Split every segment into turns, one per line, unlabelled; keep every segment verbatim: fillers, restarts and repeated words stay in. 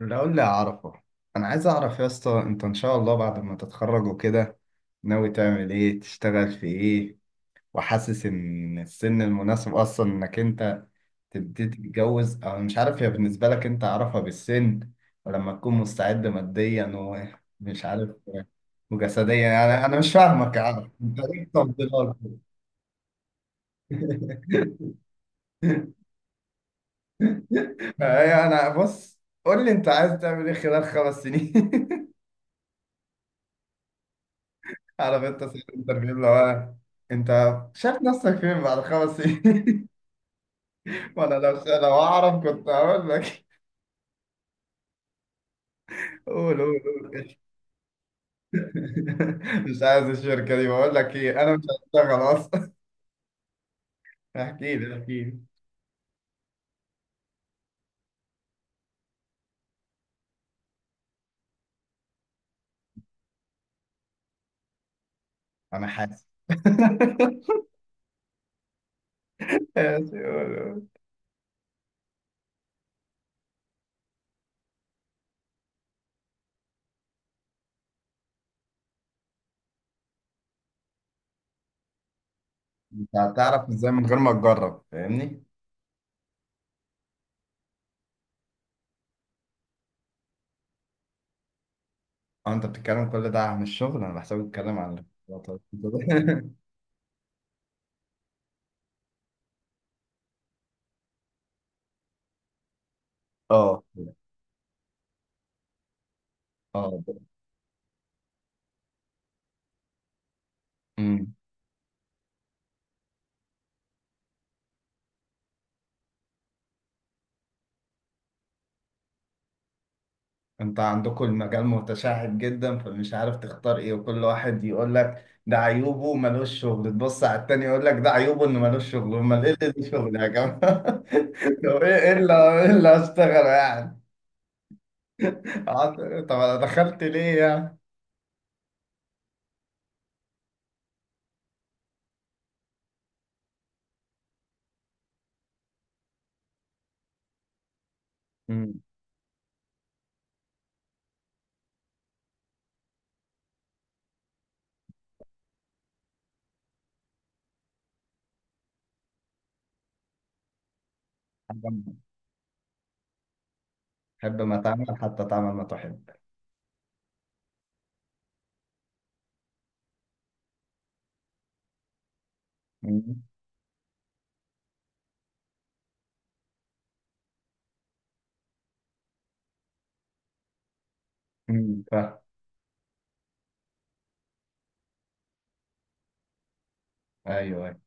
لو اللي أعرفه، أنا عايز أعرف يا اسطى، أنت إن شاء الله بعد ما تتخرج وكده ناوي تعمل إيه؟ تشتغل في إيه؟ وحاسس إن السن المناسب أصلا إنك أنت تبتدي تتجوز، أو مش عارف، هي بالنسبة لك أنت أعرفها بالسن، ولما تكون مستعد ماديا، ومش عارف، وجسديا. يعني أنا مش فاهمك يا عم، أنت ليه تفضيلات؟ أنا بص قول لي أنت عايز تعمل إيه خلال خمس سنين؟ عارف انت ساعة الانترفيو اللي هو، انت شايف نفسك فين بعد خمس سنين؟ وانا لو لو اعرف كنت هقول لك. قول قول قول. مش عايز الشركة دي، بقول لك ايه، انا مش هشتغل اصلا. احكي لي احكي لي. انا حاسس. ماشي، قول قول. انت هتعرف ازاي من غير ما تجرب؟ فاهمني. اه، انت بتتكلم كل ده عن الشغل؟ انا بحسبك بتتكلم عن الاختلاطات. اه، اه. أمم. انت عندكم المجال متشعب جدا، فمش عارف تختار ايه. وكل واحد يقول لك ده عيوبه ملوش شغل، تبص على التاني يقول لك ده عيوبه انه ملوش شغل، امال ايه اللي ليه شغل يا جماعه؟ طب ايه ايه اللي ايه اللي هشتغله يعني؟ قعدت- طب انا دخلت ليه يعني؟ مم. حب حب ما تعمل حتى تعمل ما تحب. مم. مم. فاهم. ايوه ايوه.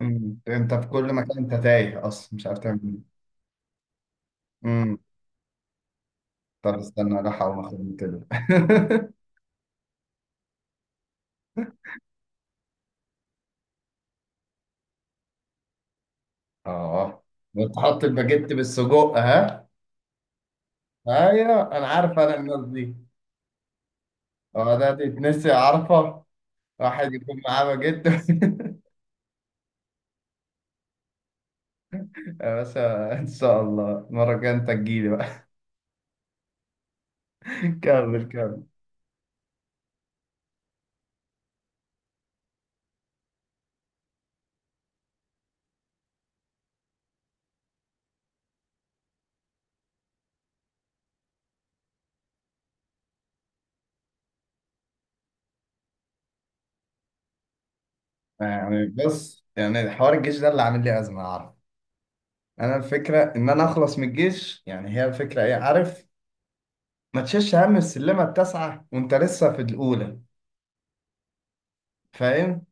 مم. انت في كل مكان، انت تايه اصلا مش عارف تعمل ايه. مم. طب استنى، راح اقوم اخد كده. اه. وتحط الباجيت بالسجق، ها؟ ايوه انا عارف انا الناس دي. اه ده تتنسي، عارفه، واحد يكون معاه باجيت. يا باشا، ان شاء الله المره الجايه انت تجيلي بقى. كمل كمل. يعني بص، يعني حوار الجيش ده اللي عامل لي ازمه، عارف. انا الفكره ان انا اخلص من الجيش، يعني هي الفكره ايه، عارف. ما تشيلش هم السلمه التاسعه وانت لسه في الاولى. فاهم.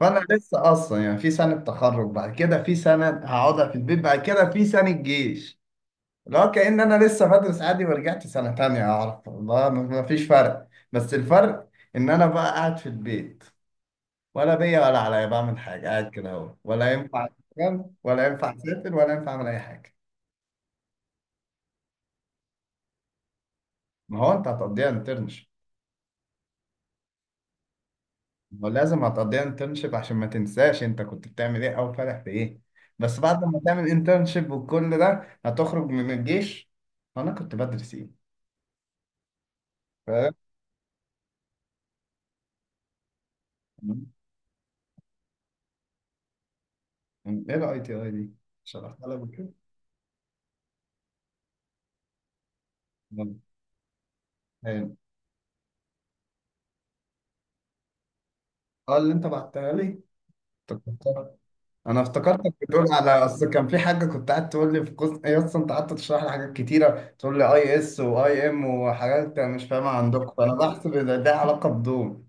فانا لسه اصلا، يعني في سنه تخرج، بعد كده في سنه هقعدها في البيت، بعد كده في سنه جيش. لا كأن انا لسه بدرس عادي ورجعت سنه تانية، اعرف والله ما ما فيش فرق، بس الفرق ان انا بقى قاعد في البيت، ولا بيا ولا عليا، بعمل حاجه قاعد كده اهو. ولا ينفع أشتغل، ولا ينفع اسافر، ولا ينفع اعمل اي حاجه. ما هو انت هتقضيها انترنشيب. ما هو لازم هتقضيها انترنشيب، عشان ما تنساش انت كنت بتعمل ايه، او فرح في ايه. بس بعد ما تعمل انترنشيب والكل ده هتخرج من الجيش. انا كنت بدرس ايه؟ فاهم. ايه الاي تي اي دي؟ شرحتها لك بكده. مم. حلو. اه اللي انت بعتها لي. افتكرتها. انا افتكرتك بتقول على اصل كان في حاجه، كنت قاعد تقول لي في قسم ايه اصلا. انت قعدت تشرح لي حاجات كتيره، تقول لي اي اس واي ام وحاجات انا مش فاهمها عندكم، فانا بحسب ان ده علاقه بدول.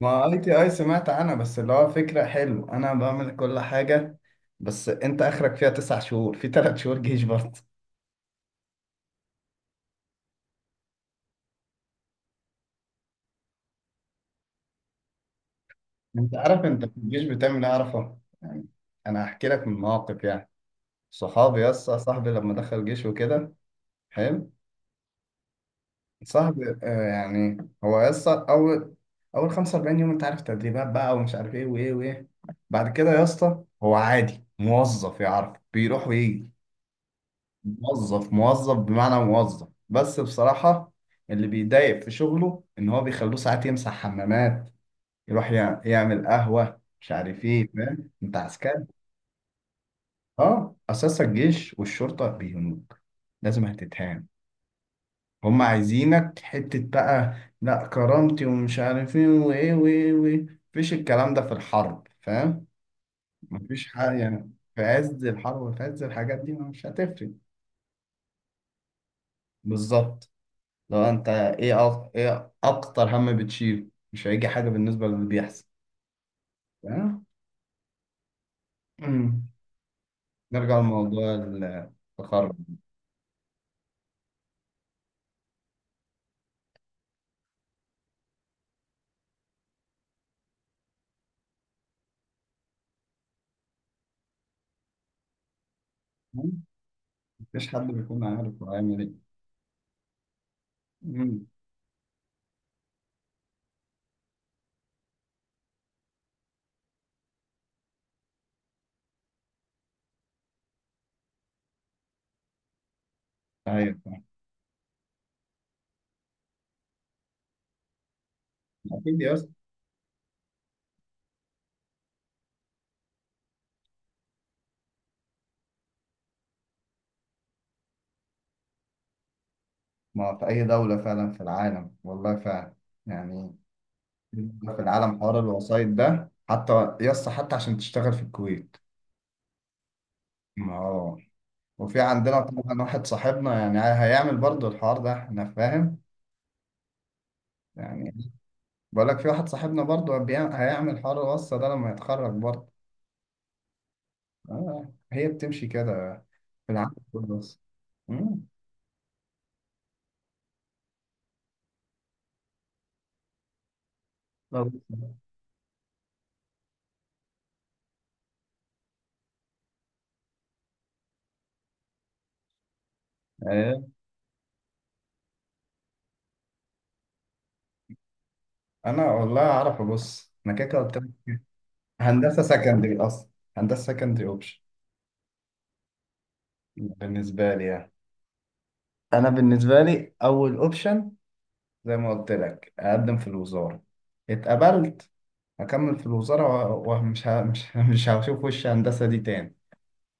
ما اي تي اي سمعت عنها، بس اللي هو فكرة حلو، انا بعمل كل حاجة. بس انت اخرك فيها تسع شهور، في ثلاث شهور جيش برضه. انت عارف انت في الجيش بتعمل ايه؟ اعرفه يعني. انا هحكي لك من مواقف يعني. صحابي يسا صاحبي لما دخل جيش وكده. حلو. صاحبي آه يعني، هو يسا اول اول خمسة وأربعين يوم انت عارف تدريبات بقى، ومش عارف ايه وايه وايه. بعد كده يا اسطى هو عادي موظف، يعرف بيروح ويجي. موظف موظف بمعنى موظف، بس بصراحة اللي بيضايق في شغله إن هو بيخلوه ساعات يمسح حمامات، يروح يع- يعمل قهوة، مش عارف إيه. فاهم؟ أنت عسكري. أه، أساس الجيش والشرطة بيهنوك، لازم هتتهان. هم عايزينك حتة بقى. لا كرامتي ومش عارف إيه وإيه وإيه وإيه، مفيش الكلام ده في الحرب، فاهم؟ مفيش حاجة، يعني في عز الحرب وفي عز الحاجات دي مش هتفرق. بالظبط. لو انت ايه، أك... ايه اكتر هم بتشيله؟ مش هيجي حاجه بالنسبه للي بيحصل. تمام. أمم. نرجع لموضوع التخرج. أمم. مفيش حد بيكون عارف هو هيعمل ايه. أمم. ايوه فعلا. اكيد يا اسطى. ما في اي دوله، فعلا في العالم، والله فعلا يعني، في العالم حوار الوسائط ده حتى. يا اسطى حتى عشان تشتغل في الكويت. ما هو وفي عندنا طبعا واحد صاحبنا يعني هيعمل برضه الحوار ده، احنا فاهم يعني. بقول لك في واحد صاحبنا برضه بيع- هيعمل حوار الوصلة ده لما يتخرج برضه. آه هي بتمشي كده في العالم كله بس. مم. أو- ايه انا والله اعرف، بص انا كده كده قلت لك، هندسة سكندري اصلا، هندسة سكندري اوبشن بالنسبة لي يعني. انا بالنسبة لي اول اوبشن زي ما قلت لك، اقدم في الوزارة، اتقبلت، هكمل في الوزارة، و- ومش ه... مش مش هشوف وش هندسة دي تاني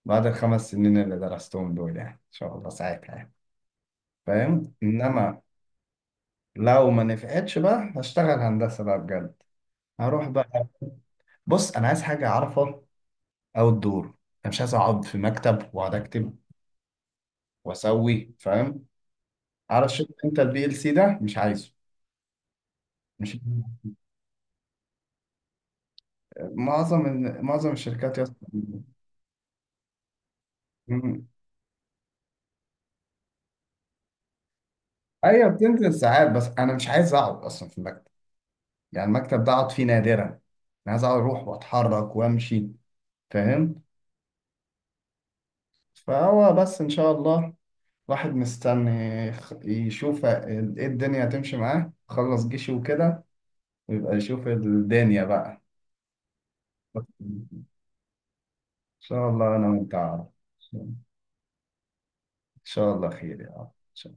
بعد الخمس سنين اللي درستهم دول، يعني ان شاء الله ساعتها يعني. فاهم؟ انما لو ما نفعتش بقى هشتغل هندسه بقى بجد، هروح بقى. بص انا عايز حاجه اعرفها او الدور، انا مش عايز اقعد في مكتب واقعد اكتب واسوي، فاهم؟ عارف شفت انت البي ال سي ده مش عايزه. مش، معظم ال- معظم الشركات يا اسطى. مم. ايوه بتنزل ساعات، بس انا مش عايز اقعد اصلا في المكتب. يعني المكتب ده اقعد فيه نادرا. انا عايز اقعد، اروح واتحرك وامشي، فاهم؟ فهو بس ان شاء الله واحد مستني يخ- يشوف ال- ايه الدنيا هتمشي معاه، خلص جيشي وكده، ويبقى يشوف الدنيا بقى. ان شاء الله، انا وانت عارف ان شاء الله خير يا رب.